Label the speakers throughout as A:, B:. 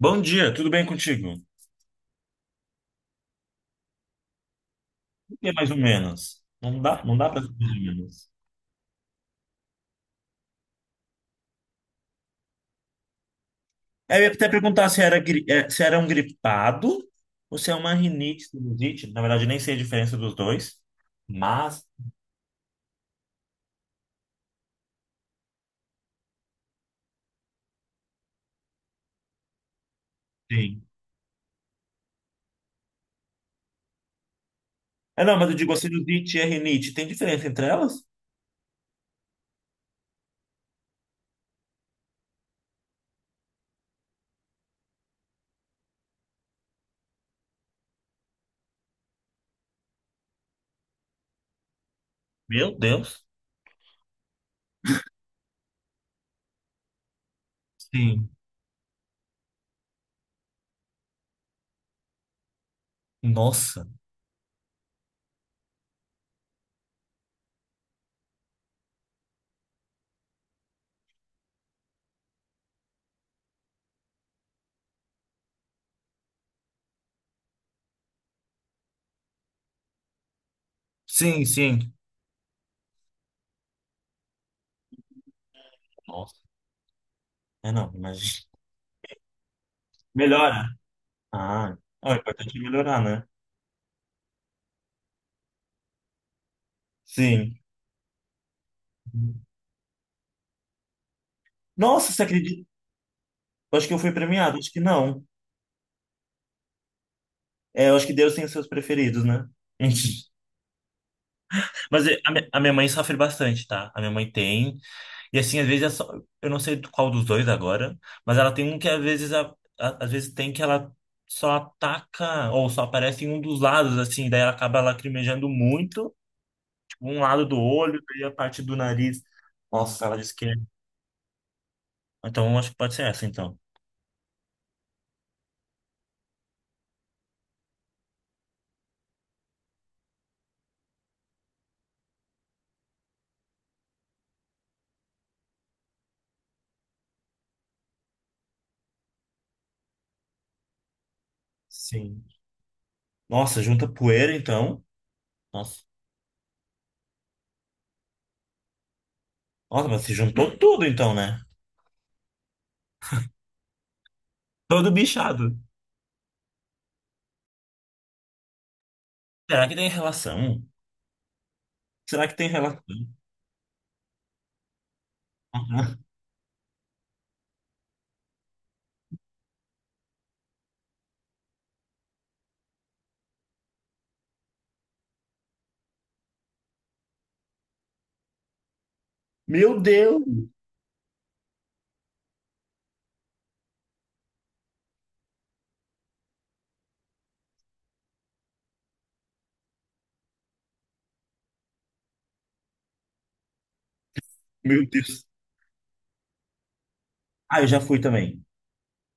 A: Bom dia, tudo bem contigo? Por que é mais ou menos? Não dá para mais ou menos. É, eu ia até perguntar se era, se era um gripado ou se é uma rinite, sinusite. Na verdade, nem sei a diferença dos dois, mas sim. É, não, mas eu digo, a sinusite e a rinite, tem diferença entre elas? Meu Deus. Sim. Nossa. Sim, sim. Nossa. É, não, imagina. Melhora. Ah, ó, é importante melhorar, né? Sim. Nossa, você acredita? Eu acho que eu fui premiado, acho que não. É, eu acho que Deus tem os seus preferidos, né? Mas a a minha mãe sofre bastante, tá? A minha mãe tem. E assim, às vezes, é só, eu não sei qual dos dois agora, mas ela tem um que às vezes, às vezes tem que ela só ataca ou só aparece em um dos lados, assim, daí ela acaba lacrimejando muito, tipo, um lado do olho, daí a parte do nariz. Nossa, ela disse que é. Então, acho que pode ser essa, então. Sim. Nossa, junta poeira, então. Nossa, nossa, mas se juntou tudo, então, né? Todo bichado. Será que tem relação? Será que tem relação? Aham. Meu Deus! Meu Deus. Ah, eu já fui também.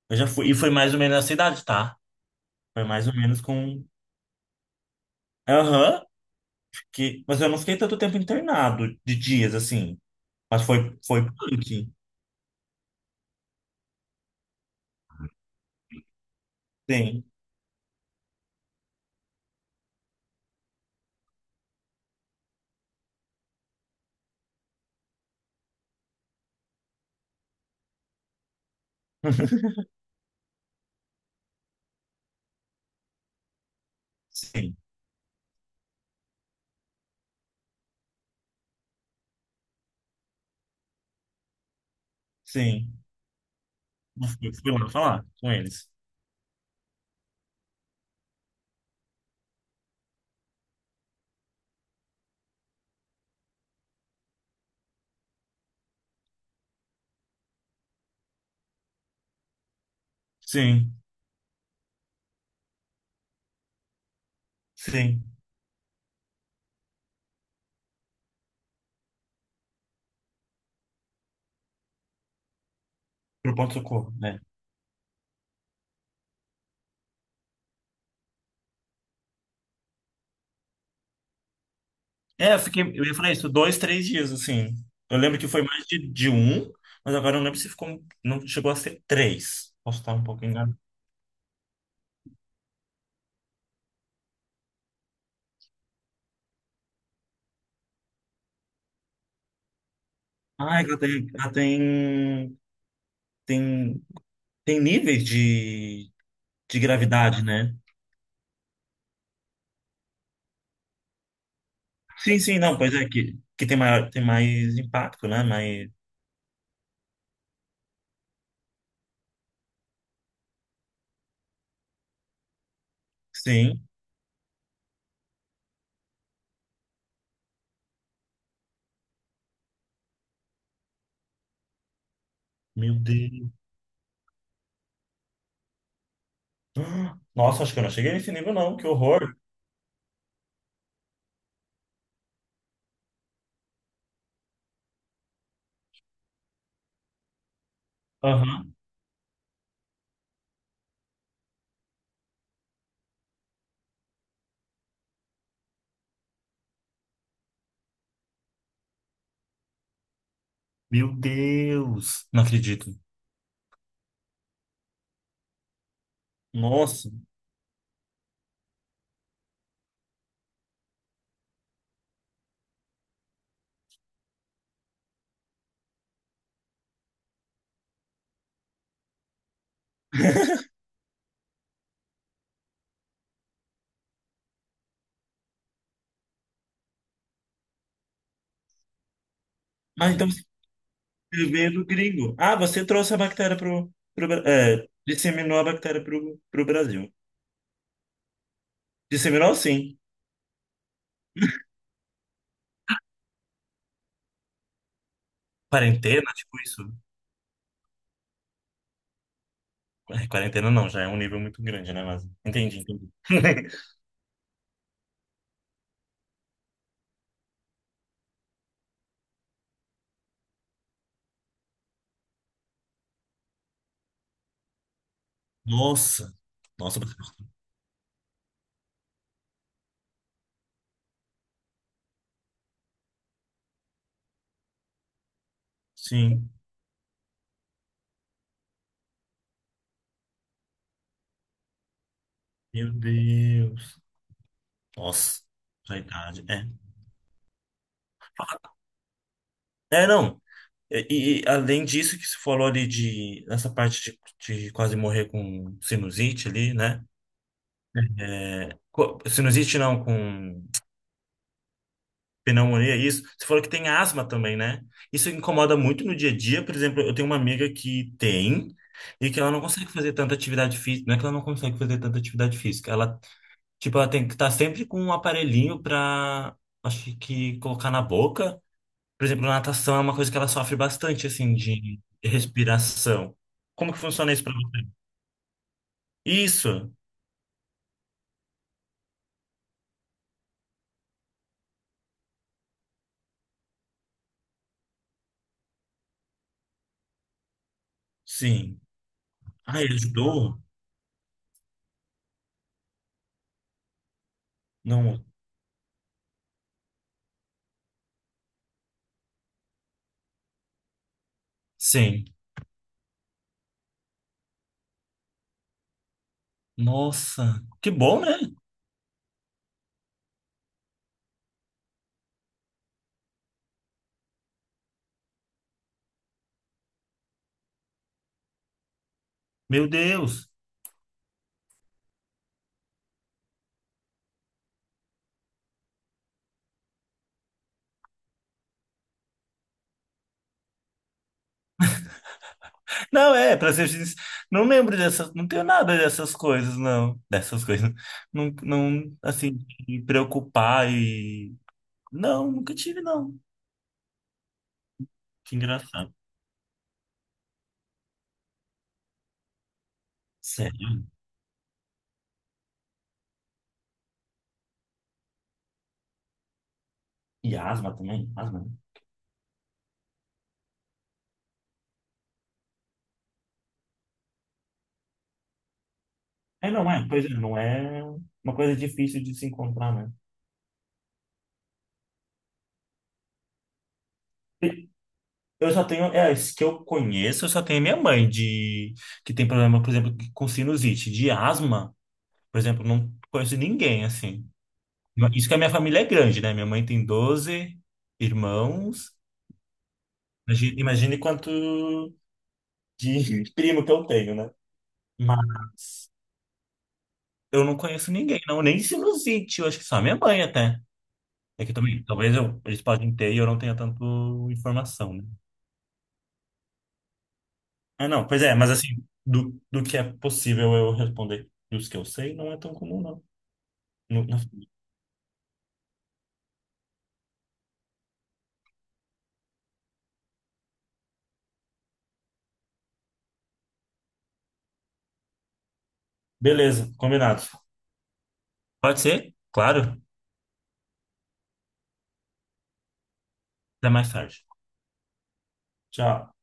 A: Eu já fui. E foi mais ou menos na cidade, tá? Foi mais ou menos com. Aham. Que... mas eu não fiquei tanto tempo internado de dias, assim. Mas foi, foi punk. Sim, sim, sim. Eu fui, fui lá falar com eles. Sim, sim. Pro pronto-socorro, né? É, eu fiquei. Eu ia falar isso, dois, três dias, assim. Eu lembro que foi mais de um, mas agora eu não lembro se ficou. Não chegou a ser três. Posso estar um pouco enganado. Ah, ela tem, tem, tem níveis de gravidade, né? Sim, sim, não, pois é, que tem maior, tem mais impacto, né? Mas, sim, meu Deus. Ah, nossa, acho que eu não cheguei nesse nível, não, que horror. Aham. Meu Deus, não acredito. Nossa. Mas então você veio do gringo. Ah, você trouxe a bactéria pro, é, disseminou a bactéria pro, pro Brasil. Disseminou, sim. Quarentena, tipo isso. É, quarentena não, já é um nível muito grande, né? Mas entendi, entendi. Nossa! Nossa, sim. Meu Deus. Nossa, já a idade. É. É, não. E, e além disso que você falou ali de nessa parte de quase morrer com sinusite ali, né? Sinusite não, com pneumonia, isso. Você falou que tem asma também, né? Isso incomoda muito no dia a dia. Por exemplo, eu tenho uma amiga que tem e que ela não consegue fazer tanta atividade física. Não é que ela não consegue fazer tanta atividade física. Ela tipo, ela tem que estar sempre com um aparelhinho pra, acho que, colocar na boca. Por exemplo, natação é uma coisa que ela sofre bastante, assim, de respiração. Como que funciona isso pra você? Isso, sim. Ah, ele ajudou? Não. Sim. Nossa, que bom, né? Meu Deus. Não, é, pra ser sincero, não lembro dessas, não tenho nada dessas coisas, não. Dessas coisas. Não, não, assim, de me preocupar e... não, nunca tive, não. Que engraçado. E asma também? Asma? Né? É, não é. Pois é, não é uma coisa difícil de se encontrar, né? Eu só tenho, é, as que eu conheço, eu só tenho minha mãe de que tem problema, por exemplo, com sinusite, de asma, por exemplo, não conheço ninguém assim. Isso que a minha família é grande, né? Minha mãe tem 12 irmãos. Imagine quanto de primo que eu tenho, né? Mas eu não conheço ninguém, não, nem sinusite, eu acho que só minha mãe até. É que também, talvez eu, eles podem ter e eu não tenha tanto informação, né? Ah, não, pois é, mas assim, do, do que é possível eu responder e os que eu sei, não é tão comum, não. No- no- Beleza, combinado. Pode ser? Claro. Até mais tarde. Tchau.